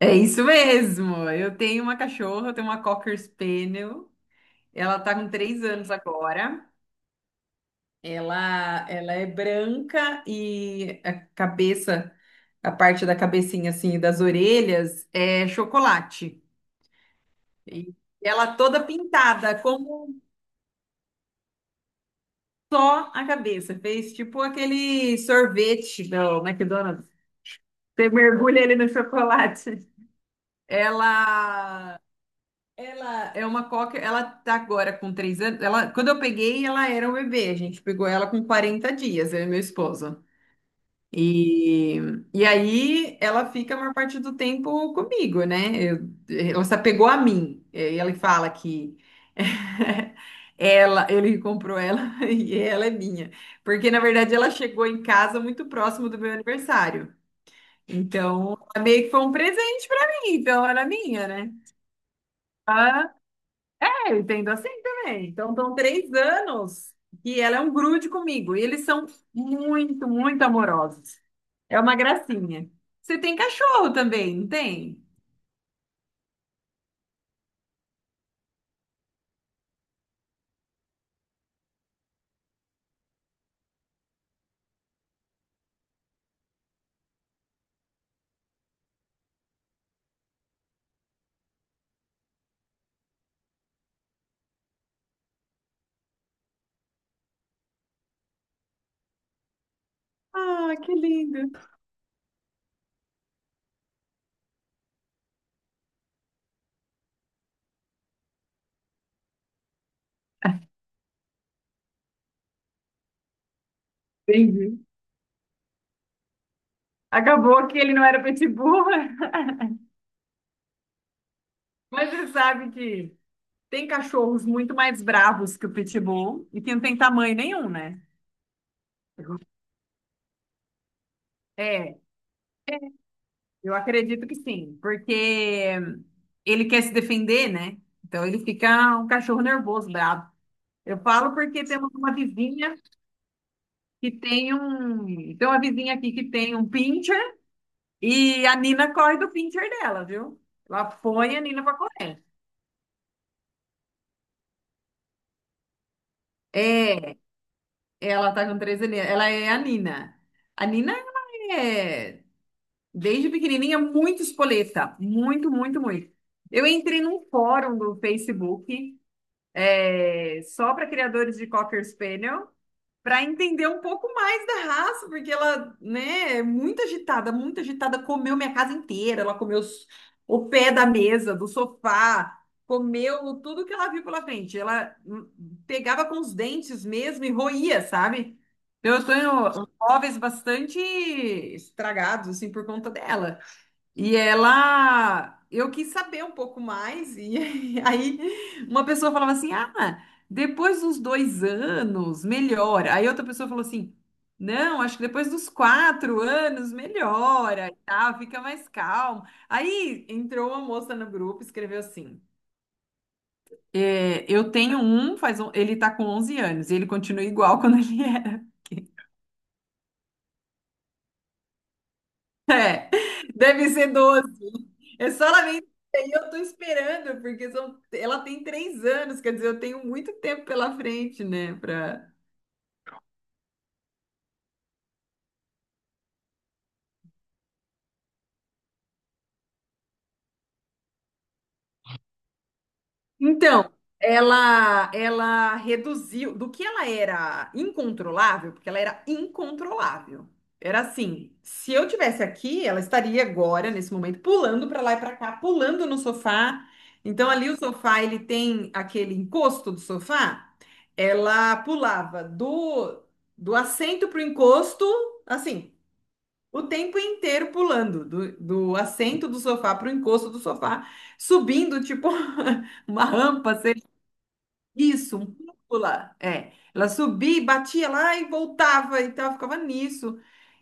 É isso mesmo. Eu tenho uma cachorra, eu tenho uma Cocker Spaniel. Ela tá com 3 anos agora. Ela é branca e a cabeça, a parte da cabecinha assim, das orelhas é chocolate. E ela toda pintada, como só a cabeça. Fez tipo aquele sorvete do McDonald's. Você mergulha ele no chocolate. Ela Ela é uma cocker, ela tá agora com 3 anos. Ela, quando eu peguei, ela era um bebê. A gente pegou ela com 40 dias, eu e meu esposo. E, e aí ela fica a maior parte do tempo comigo, né? Eu, ela se apegou a mim. E aí ele fala que ele comprou ela e ela é minha. Porque, na verdade, ela chegou em casa muito próximo do meu aniversário. Então, ela meio que foi um presente pra mim, então era minha, né? Ah, eu entendo assim também. Então, estão 3 anos e ela é um grude comigo. E eles são muito, muito amorosos. É uma gracinha. Você tem cachorro também, não tem? Ah, que lindo. Entendi. Acabou que ele não era pitbull. Mas você sabe que tem cachorros muito mais bravos que o pitbull e que não tem tamanho nenhum, né? É, eu acredito que sim, porque ele quer se defender, né? Então ele fica um cachorro nervoso, bravo. Eu falo porque temos uma vizinha que tem um. Tem uma vizinha aqui que tem um pincher e a Nina corre do pincher dela, viu? Ela põe a Nina pra correr. É, ela tá com 13 anos. Ela é a Nina. A Nina, ela é, desde pequenininha, muito espoleta. Muito, muito, muito. Eu entrei num fórum do Facebook, só para criadores de Cocker Spaniel, para entender um pouco mais da raça, porque ela, né, é muito agitada, comeu minha casa inteira, ela comeu o pé da mesa, do sofá, comeu tudo que ela viu pela frente. Ela pegava com os dentes mesmo e roía, sabe? Então, eu tenho móveis bastante estragados, assim, por conta dela. E ela, eu quis saber um pouco mais, e aí uma pessoa falava assim: ah, depois dos 2 anos melhora. Aí outra pessoa falou assim: não, acho que depois dos 4 anos melhora e tal, fica mais calmo. Aí entrou uma moça no grupo e escreveu assim: eu tenho um, faz um, ele tá com 11 anos, e ele continua igual quando ele era. Deve ser doze. É só ela me dizer, e eu tô esperando, porque ela tem 3 anos, quer dizer, eu tenho muito tempo pela frente, né. Então, ela reduziu do que ela era incontrolável, porque ela era incontrolável. Era assim, se eu tivesse aqui, ela estaria agora nesse momento pulando para lá e para cá, pulando no sofá. Então ali o sofá, ele tem aquele encosto do sofá, ela pulava do assento pro encosto, assim, o tempo inteiro pulando, do assento do sofá para o encosto do sofá, subindo, tipo, uma rampa, sei lá, isso, um cúpula. É, ela subia, e batia lá e voltava, então ela ficava nisso.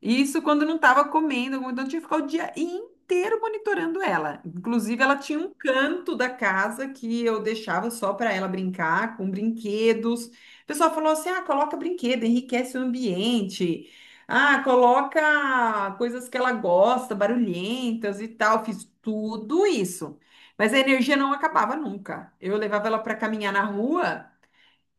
E isso quando não estava comendo, então eu tinha que ficar o dia inteiro monitorando ela. Inclusive, ela tinha um canto da casa que eu deixava só para ela brincar com brinquedos. O pessoal falou assim: ah, coloca brinquedo, enriquece o ambiente. Ah, coloca coisas que ela gosta, barulhentas e tal. Fiz tudo isso. Mas a energia não acabava nunca. Eu levava ela para caminhar na rua.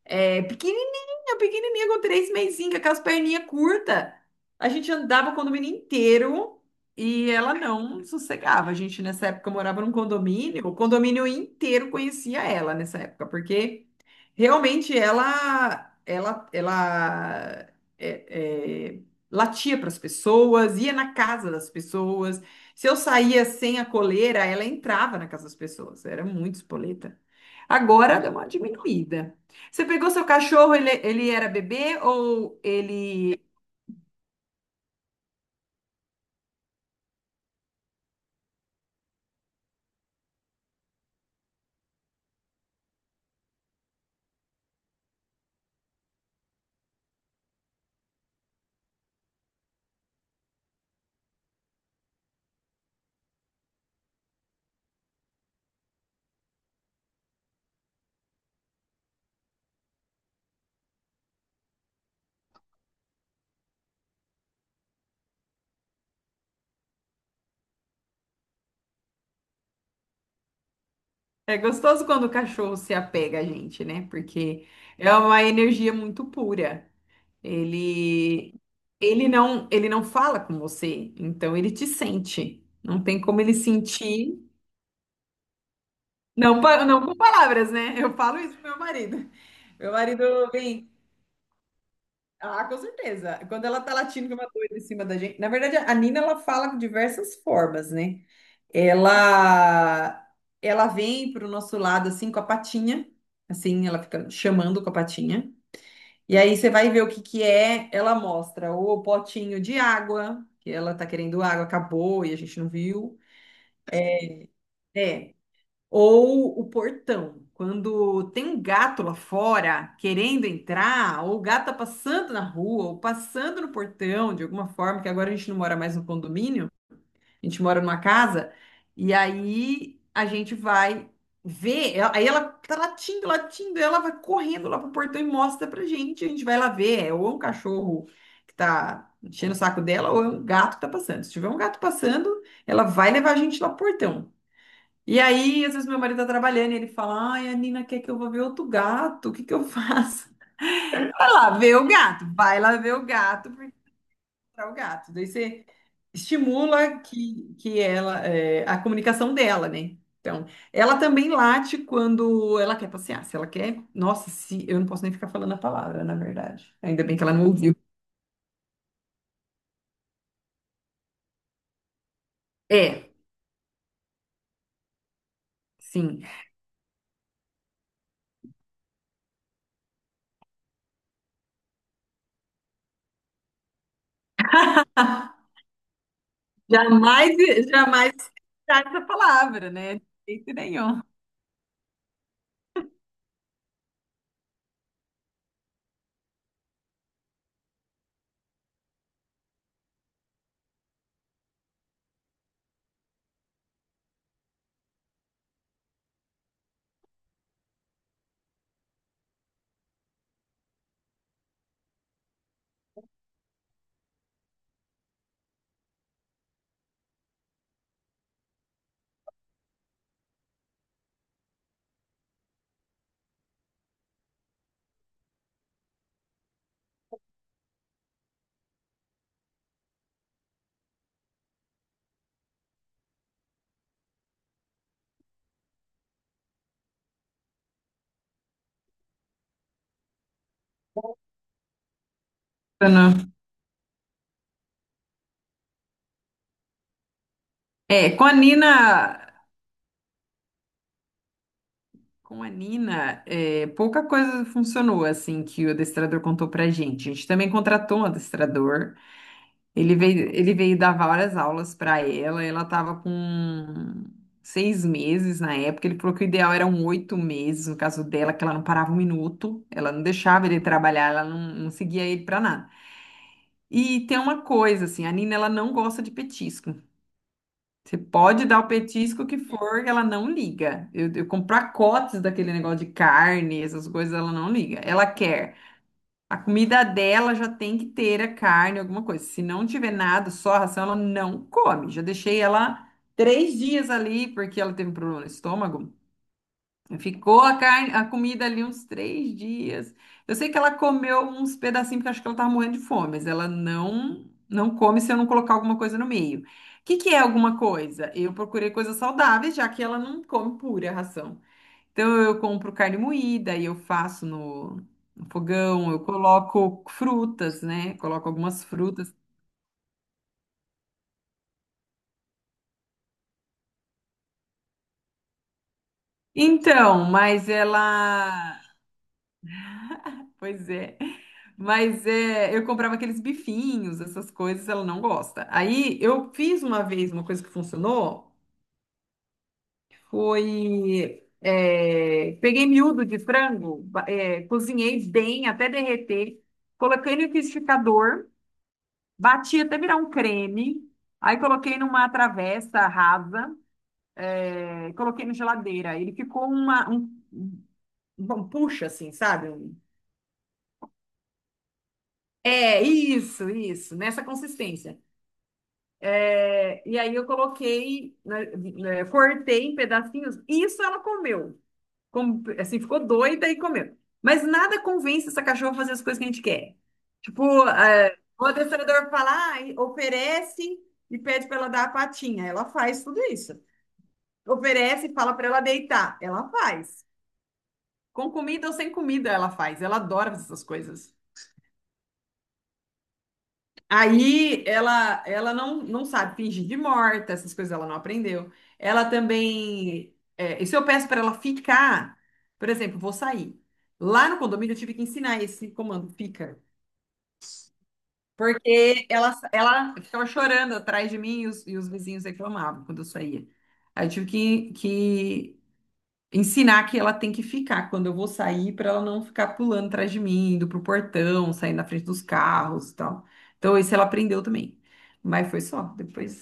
É, pequenininha, pequenininha, com três mesinhas, com as perninhas curtas. A gente andava o condomínio inteiro e ela não sossegava. A gente, nessa época, morava num condomínio, o condomínio inteiro conhecia ela nessa época, porque realmente ela é, é, latia para as pessoas, ia na casa das pessoas. Se eu saía sem a coleira, ela entrava na casa das pessoas. Era muito espoleta. Agora deu uma diminuída. Você pegou seu cachorro, ele era bebê ou ele é gostoso quando o cachorro se apega a gente, né? Porque é uma energia muito pura. Ele ele não fala com você, então ele te sente. Não tem como ele sentir, não com palavras, né? Eu falo isso pro meu marido. Meu marido vem, ah, com certeza. Quando ela tá latindo com uma doida em cima da gente, na verdade a Nina ela fala de diversas formas, né? Ela ela vem pro nosso lado assim com a patinha, assim, ela fica chamando com a patinha. E aí você vai ver o que que é, ela mostra o potinho de água, que ela tá querendo água, acabou e a gente não viu. É. Ou o portão. Quando tem um gato lá fora querendo entrar, ou o gato tá passando na rua, ou passando no portão de alguma forma, que agora a gente não mora mais no condomínio. A gente mora numa casa e aí a gente vai ver. Aí ela tá latindo, latindo, e ela vai correndo lá pro portão e mostra pra gente. A gente vai lá ver. É, ou é um cachorro que tá enchendo o saco dela, ou é um gato que tá passando. Se tiver um gato passando, ela vai levar a gente lá pro portão. E aí, às vezes, meu marido tá trabalhando e ele fala: Ai, a Nina quer que eu vá ver outro gato, o que que eu faço? Vai lá ver o gato, vai lá ver o gato, porque é o gato. Daí você estimula que a comunicação dela, né? Então, ela também late quando ela quer passear. Se ela quer, nossa, se eu não posso nem ficar falando a palavra, na verdade. Ainda bem que ela não ouviu. É, sim. Jamais, jamais citar essa palavra, né? De jeito nenhum. Não. É, com a Nina, pouca coisa funcionou assim que o adestrador contou pra gente. A gente também contratou um adestrador. Ele veio dar várias aulas para ela. Ela estava com 6 meses na época. Ele falou que o ideal eram 8 meses, no caso dela, que ela não parava um minuto, ela não deixava ele trabalhar, ela não, não seguia ele para nada. E tem uma coisa, assim, a Nina, ela não gosta de petisco. Você pode dar o petisco que for, que ela não liga. Eu compro pacotes daquele negócio de carne, essas coisas, ela não liga. Ela quer. A comida dela já tem que ter a carne, alguma coisa. Se não tiver nada, só a ração, ela não come. Já deixei ela 3 dias ali, porque ela teve um problema no estômago. Ficou a carne, a comida ali uns 3 dias. Eu sei que ela comeu uns pedacinhos, porque acho que ela tava morrendo de fome, mas ela não, não come se eu não colocar alguma coisa no meio. O que que é alguma coisa? Eu procurei coisas saudáveis, já que ela não come pura ração. Então eu compro carne moída e eu faço no fogão, eu coloco frutas, né? Coloco algumas frutas. Então, mas ela, pois é. Mas é, eu comprava aqueles bifinhos, essas coisas, ela não gosta. Aí eu fiz uma vez uma coisa que funcionou, peguei miúdo de frango, cozinhei bem até derreter, coloquei no liquidificador. Bati até virar um creme. Aí coloquei numa travessa rasa, coloquei na geladeira. Ele ficou um puxa, assim, sabe? Um- É, isso, nessa consistência. É, e aí eu coloquei, né, cortei em pedacinhos. Isso ela comeu. Assim, ficou doida e comeu. Mas nada convence essa cachorra a fazer as coisas que a gente quer. Tipo, o adestrador fala, ah, oferece e pede para ela dar a patinha. Ela faz tudo isso. Oferece e fala para ela deitar. Ela faz. Com comida ou sem comida, ela faz. Ela adora fazer essas coisas. Ela não, não sabe fingir de morta, essas coisas ela não aprendeu. Ela também. E se eu peço para ela ficar, por exemplo, vou sair. Lá no condomínio eu tive que ensinar esse comando, fica. Porque ela ficava chorando atrás de mim e e os vizinhos reclamavam quando eu saía. Aí eu tive que ensinar que ela tem que ficar quando eu vou sair para ela não ficar pulando atrás de mim, indo pro portão, saindo na frente dos carros e tal. Então, isso ela aprendeu também. Mas foi só, depois.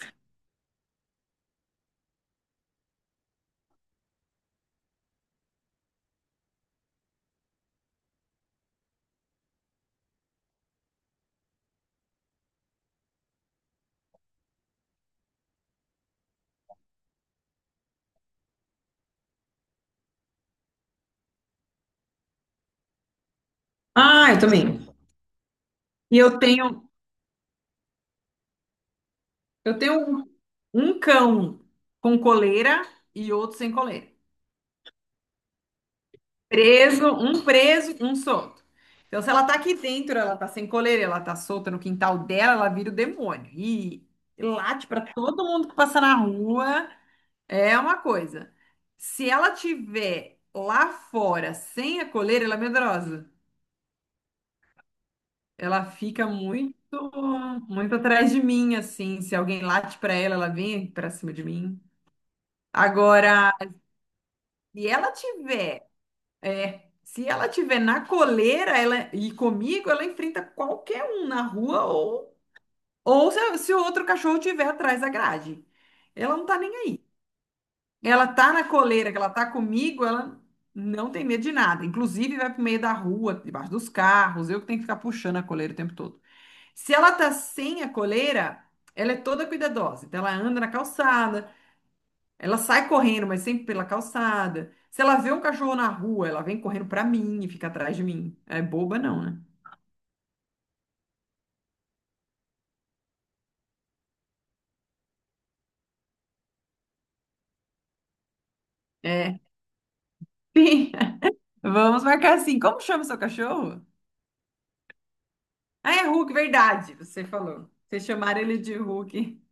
Ah, eu também. E eu tenho um, um cão com coleira e outro sem coleira. Preso, um solto. Então, se ela tá aqui dentro, ela tá sem coleira, ela tá solta no quintal dela, ela vira o demônio. E late pra todo mundo que passa na rua. É uma coisa. Se ela tiver lá fora sem a coleira, ela é medrosa. Ela fica muito, muito atrás de mim, assim. Se alguém late pra ela, ela vem pra cima de mim. Agora, se ela tiver, se ela tiver na coleira, ela e comigo, ela enfrenta qualquer um na rua ou se o outro cachorro tiver atrás da grade. Ela não tá nem. Ela tá na coleira, que ela tá comigo, ela não tem medo de nada. Inclusive, vai pro meio da rua, debaixo dos carros, eu que tenho que ficar puxando a coleira o tempo todo. Se ela tá sem a coleira, ela é toda cuidadosa. Então, ela anda na calçada, ela sai correndo, mas sempre pela calçada. Se ela vê um cachorro na rua, ela vem correndo pra mim e fica atrás de mim. É boba, não, né? É. Sim. Vamos marcar assim. Como chama seu cachorro? Ah, é Hulk, verdade. Você falou. Vocês chamaram ele de Hulk.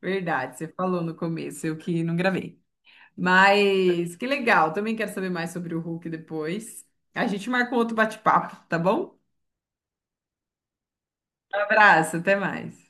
Verdade, você falou no começo, eu que não gravei. Mas que legal, também quero saber mais sobre o Hulk depois. A gente marca um outro bate-papo, tá bom? Um abraço, até mais.